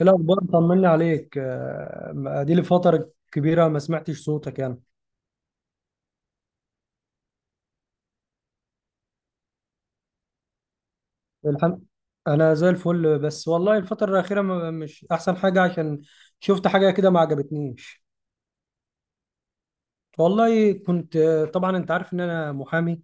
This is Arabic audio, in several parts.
ايه الاخبار؟ طمني عليك. دي لي فتره كبيره ما سمعتش صوتك يعني. الحمد. انا زي الفل، بس والله الفتره الاخيره مش احسن حاجه، عشان شفت حاجه كده ما عجبتنيش. والله كنت طبعا انت عارف ان انا محامي،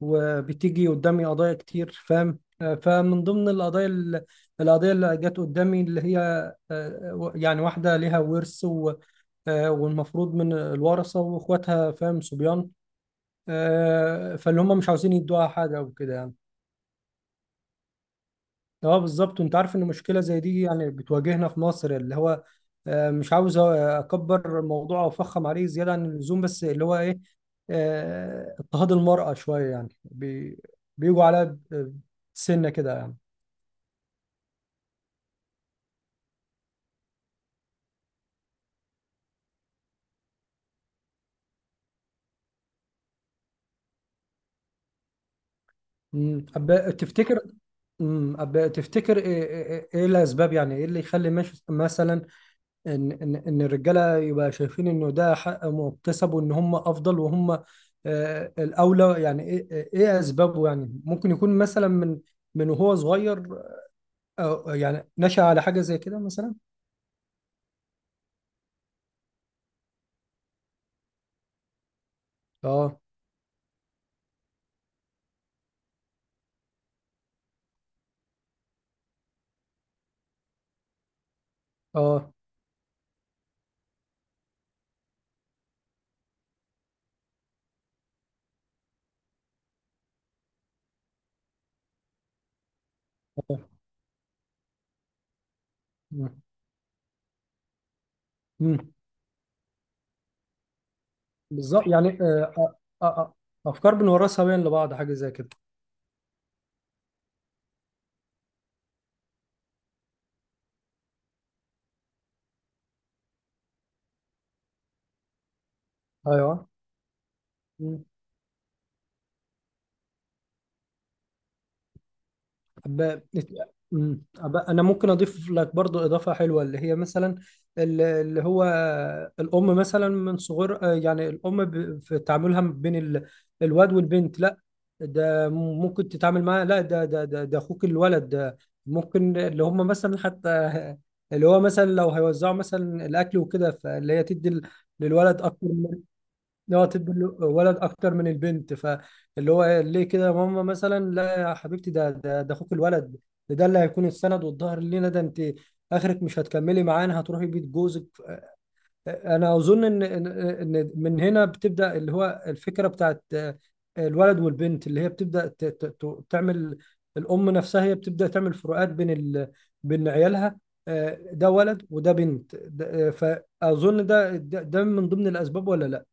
وبتيجي قدامي قضايا كتير، فاهم. فمن ضمن القضايا القضيه اللي جت قدامي اللي هي يعني واحده ليها ورث والمفروض من الورثه، واخواتها فاهم صبيان. فاللي هم مش عاوزين يدوها حاجه وكده يعني. اه بالظبط، وانت عارف ان مشكله زي دي يعني بتواجهنا في مصر، اللي هو مش عاوز اكبر الموضوع او افخم عليه زياده عن اللزوم، بس اللي هو ايه، اضطهاد المراه شويه، يعني بيجوا عليها ب- سنه كده يعني. تفتكر تفتكر ايه، إيه الاسباب؟ يعني ايه اللي يخلي مثلا ان الرجاله يبقى شايفين انه ده حق مكتسب، وان هم افضل وهم الاولى؟ يعني ايه، إيه اسبابه؟ يعني ممكن يكون مثلا من وهو صغير أو يعني نشأ على حاجه زي كده مثلا. اه. اه. اه. مم، مم، بالظبط يعني. آه، آه، افكار بنورثها بين لبعض، حاجه زي كده. ايوه. ب... انا ممكن اضيف لك برضو اضافه حلوه، اللي هي مثلا اللي هو الام، مثلا من صغر، يعني الام في تعاملها بين الواد والبنت. لا، ده ممكن تتعامل معاه، لا ده ده اخوك الولد ده. ممكن اللي هم مثلا حتى، اللي هو مثلا لو هيوزعوا مثلا الاكل وكده، فاللي هي تدي للولد اكتر، اللي هو تدي الولد اكتر من البنت. فاللي هو ليه كده يا ماما مثلا؟ لا يا حبيبتي، ده اخوك الولد، ده اللي هيكون السند والظهر لينا. ده انت اخرك مش هتكملي معانا، هتروحي بيت جوزك. انا اظن ان ان إن من هنا بتبدا اللي هو الفكره بتاعت الولد والبنت، اللي هي بتبدا تعمل. الام نفسها هي بتبدا تعمل فروقات بين بين عيالها، ده ولد وده بنت، فاظن ده من ضمن الاسباب، ولا لا؟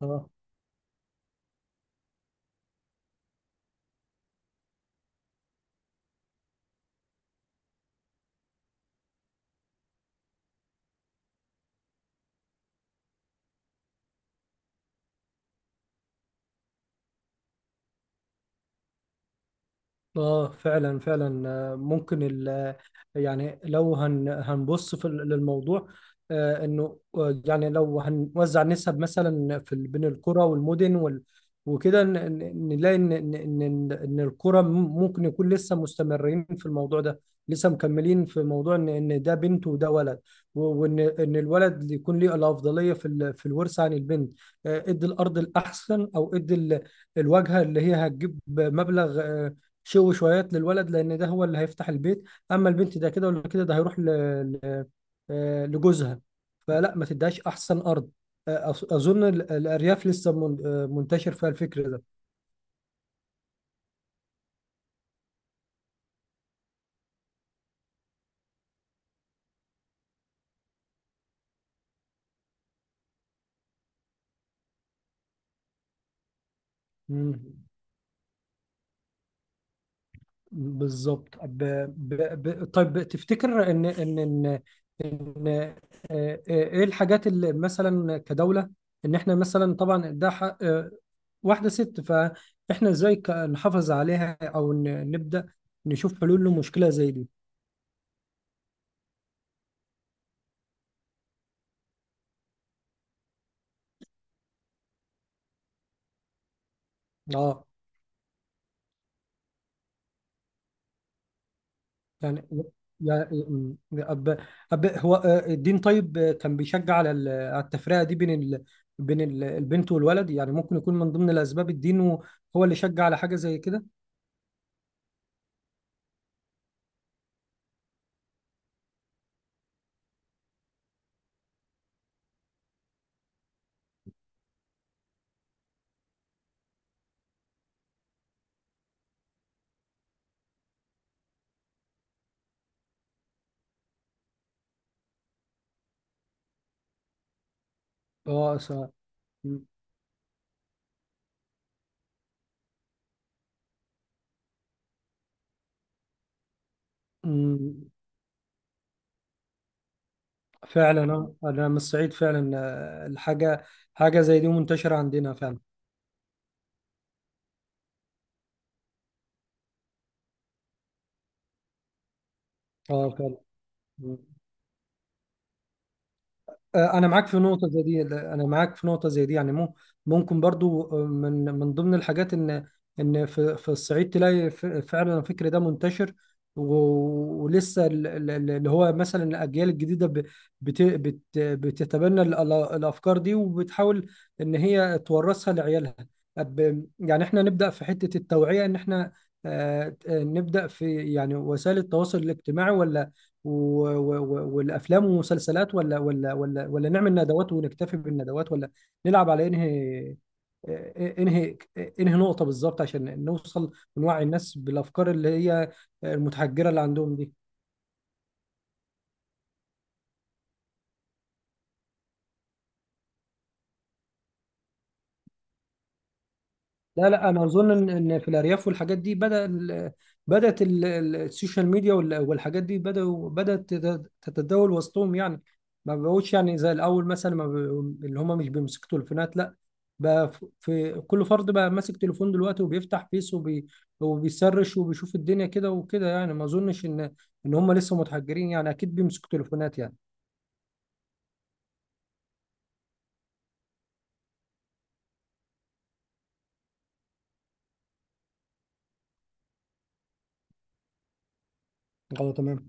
اه. اه فعلا فعلا. ممكن ال، يعني لو هنبص في للموضوع، انه يعني لو هنوزع نسب مثلا في بين القرى والمدن وال، وكده ن- نلاقي ان القرى ممكن يكون لسه مستمرين في الموضوع ده، لسه مكملين في موضوع ان ده بنت وده ولد، وان الولد يكون ليه الافضليه في في الورثه عن البنت. ادي الارض الاحسن، او ادي الواجهه اللي هي هتجيب مبلغ، شويات، للولد، لان ده هو اللي هيفتح البيت. اما البنت ده كده ولا كده، ده هيروح ل... ل... آه، لجوزها، فلا ما تديهاش احسن ارض. اظن الارياف لسه منتشر فيها الفكر ده. مم، بالظبط. ب... طيب تفتكر ان ان ان, إن... آه، آه، ايه الحاجات اللي مثلا كدولة، ان احنا مثلا طبعا ده حق واحدة ست، فاحنا ازاي نحافظ عليها، او نبدأ نشوف حلول لمشكلة زي دي؟ اه. يعني يا م- أب... أب... هو الدين طيب، كان بيشجع على على التفرقه دي بين بين البنت والولد؟ يعني ممكن يكون من ضمن الاسباب الدين، هو هو اللي شجع على حاجه زي كده؟ اه س... م- م- فعلا. انا من الصعيد فعلا. آه، الحاجه حاجه زي دي منتشره عندنا فعلا. اه فعلا. انا معاك في نقطه زي دي، انا معاك في نقطه زي دي، يعني ممكن برضو من من ضمن الحاجات ان، ان في في الصعيد تلاقي فعلا الفكر ده منتشر، ولسه اللي هو مثلا الاجيال الجديده ب- بت بت بتتبنى ال- الافكار دي، وبتحاول ان هي تورثها لعيالها. يعني احنا نبدا في حته التوعيه، ان احنا نبدا في يعني وسائل التواصل الاجتماعي، ولا والافلام والمسلسلات، ولا نعمل ندوات ونكتفي بالندوات، ولا نلعب على انهي انهي نقطة بالظبط، عشان نوصل ونوعي الناس بالافكار اللي هي المتحجرة اللي عندهم دي؟ لا، انا اظن ان إن في الارياف والحاجات دي بدا السوشيال ميديا والحاجات دي بدات تتداول وسطهم، يعني ما بقوش يعني زي الاول، مثلا ما ب- اللي هم مش بيمسكوا تليفونات لا، بقى في كل فرد بقى ماسك تليفون دلوقتي، وبيفتح فيس وبيسرش وبيشوف الدنيا كده وكده، يعني ما اظنش ان ان هم لسه متحجرين يعني، اكيد بيمسكوا تليفونات يعني. اه تمام.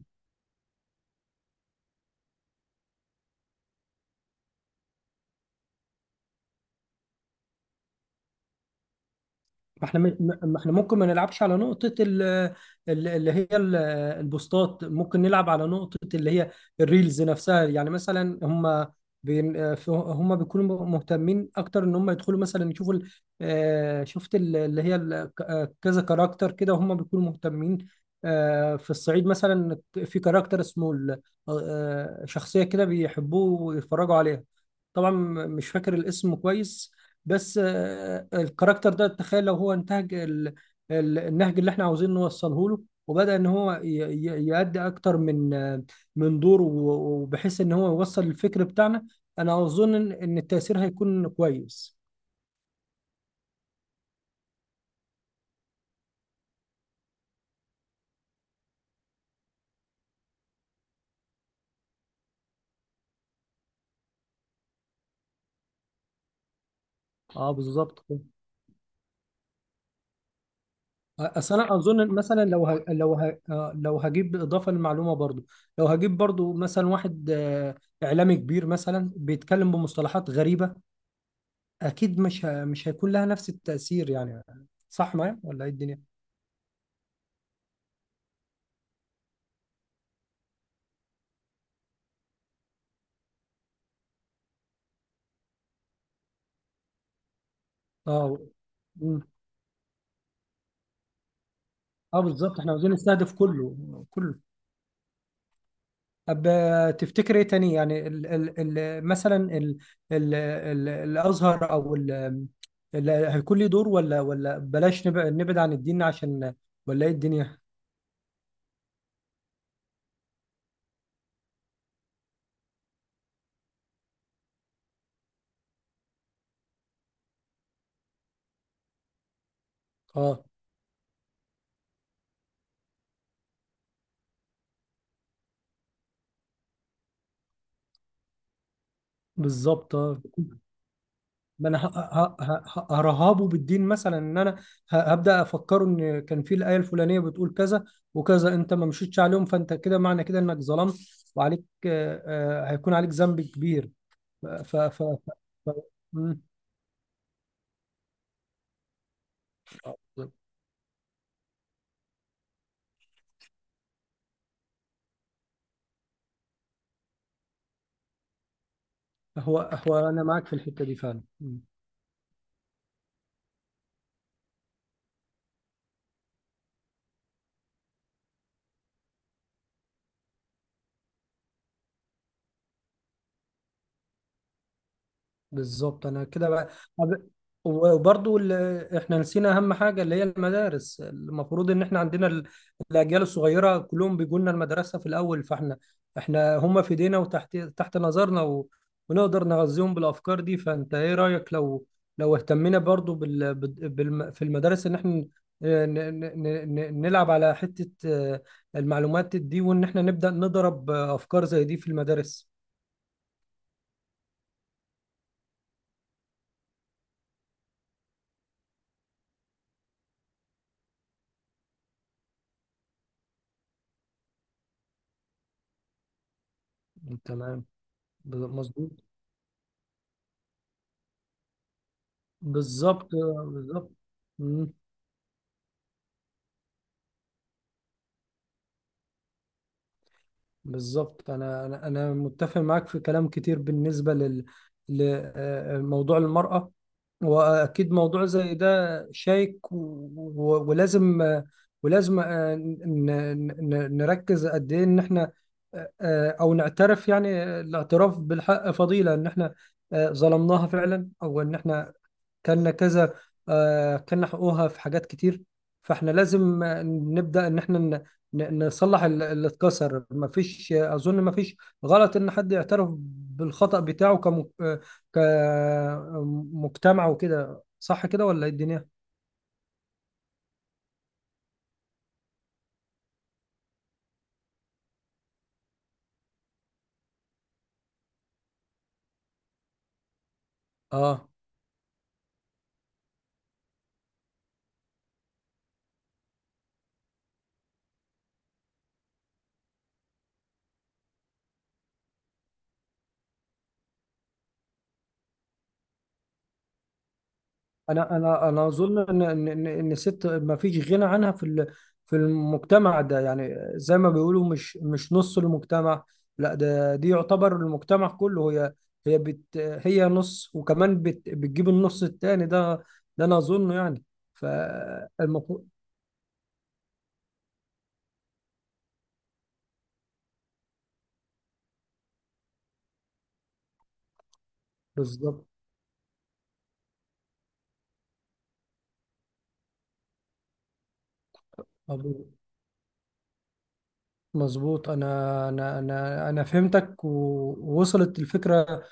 ما احنا م- ما احنا ممكن ما نلعبش على نقطة اللي هي البوستات، ممكن نلعب على نقطة اللي هي الريلز نفسها، يعني مثلا هم هم بيكونوا مهتمين اكتر ان هم يدخلوا مثلا يشوفوا شفت ال- اللي هي ال- ك- آه، كذا كاركتر كده، هم بيكونوا مهتمين في الصعيد مثلا، في كاركتر اسمه شخصية كده بيحبوه ويتفرجوا عليها، طبعا مش فاكر الاسم كويس. بس الكاركتر ده تخيل لو هو انتهج ال- النهج اللي احنا عاوزين نوصله له، وبدأ ان هو يأدي اكتر من من دور، وبحيث ان هو يوصل الفكر بتاعنا. انا اظن إن التأثير هيكون كويس. اه بالظبط كده. اصل انا اظن، مثلا لو ه... لو ه... آه، لو هجيب اضافه للمعلومه برضو، لو هجيب برضو مثلا واحد اعلامي كبير مثلا بيتكلم بمصطلحات غريبه، اكيد مش هيكون لها نفس التأثير يعني، صح معايا ولا ايه الدنيا؟ اه. مم. اه بالظبط، احنا عاوزين نستهدف كله كله. طب تفتكر ايه تاني؟ يعني ال... ال... ال... مثلا ال... ال... ال... الازهر هيكون ليه دور، ولا ولا بلاش نبعد نبعد عن الدين عشان، ولا ايه الدنيا؟ اه بالظبط. اه، ما انا هرهبه بالدين، مثلا ان انا هبدا افكره ان كان في الايه الفلانيه بتقول كذا وكذا، انت ما مشيتش عليهم، فانت كده معنى كده انك ظلمت، وعليك هيكون عليك ذنب كبير. ف ف ف ف- مم. هو انا معاك في الحته دي فعلا. مم. بالظبط. انا كده بقى، أب- وبرضو احنا نسينا اهم حاجه اللي هي المدارس. المفروض ان احنا عندنا الاجيال الصغيره كلهم بيجوا لنا المدرسه في الاول، فاحنا احنا هم في ايدينا وتحت نظرنا، ونقدر نغذيهم بالافكار دي. فانت ايه رايك لو لو اهتمينا برضو في المدارس، ان احنا نلعب على حته المعلومات دي، وان احنا نبدا نضرب افكار زي دي في المدارس؟ تمام. مظبوط، بالظبط بالظبط. مم. بالظبط، انا متفق معاك في كلام كتير بالنسبه لل، لموضوع المراه. واكيد موضوع زي ده شائك ولازم، ولازم آه، ن- ن- نركز قد ايه ان احنا او نعترف، يعني الاعتراف بالحق فضيله، ان احنا ظلمناها فعلا، او ان احنا كان كذا، كان حقوقها في حاجات كتير. فاحنا لازم نبدأ ان احنا ن- نصلح اللي اتكسر. مفيش اظن مفيش غلط ان حد يعترف بالخطأ بتاعه كمجتمع وكده، صح كده ولا ايه الدنيا؟ اه. انا اظن ان ان ان إن الست ما فيش غنى عنها في في المجتمع ده، يعني زي ما بيقولوا مش نص المجتمع، لا ده دي يعتبر المجتمع كله. هي هي بت هي نص، وكمان بتجيب النص التاني ده، ده انا اظنه يعني. فالمفروض، بالظبط. أبو- مظبوط، انا انا انا انا فهمتك ووصلت الفكرة.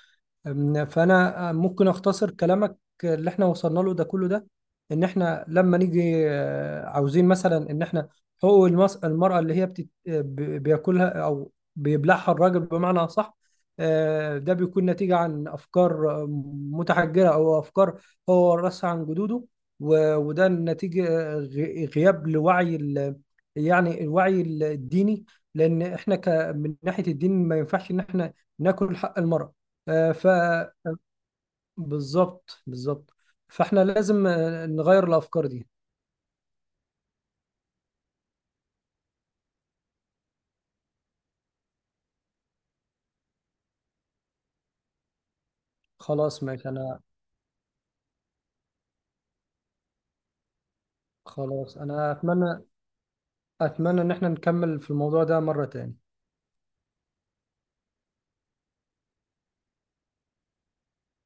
فانا ممكن اختصر كلامك اللي احنا وصلنا له ده كله ده، ان احنا لما نيجي عاوزين مثلا، ان احنا حقوق المرأة اللي هي بياكلها او بيبلعها الراجل بمعنى اصح، ده بيكون نتيجة عن افكار متحجرة، او افكار هو ورثها عن جدوده. وده نتيجة غياب لوعي يعني الوعي الديني، لان احنا من ناحية الدين ما ينفعش ان احنا ناكل حق المرأة. آه، ف بالظبط فاحنا لازم نغير الافكار دي. خلاص ماشي، انا اتمنى، اتمنى ان احنا نكمل في الموضوع ده مرة تاني.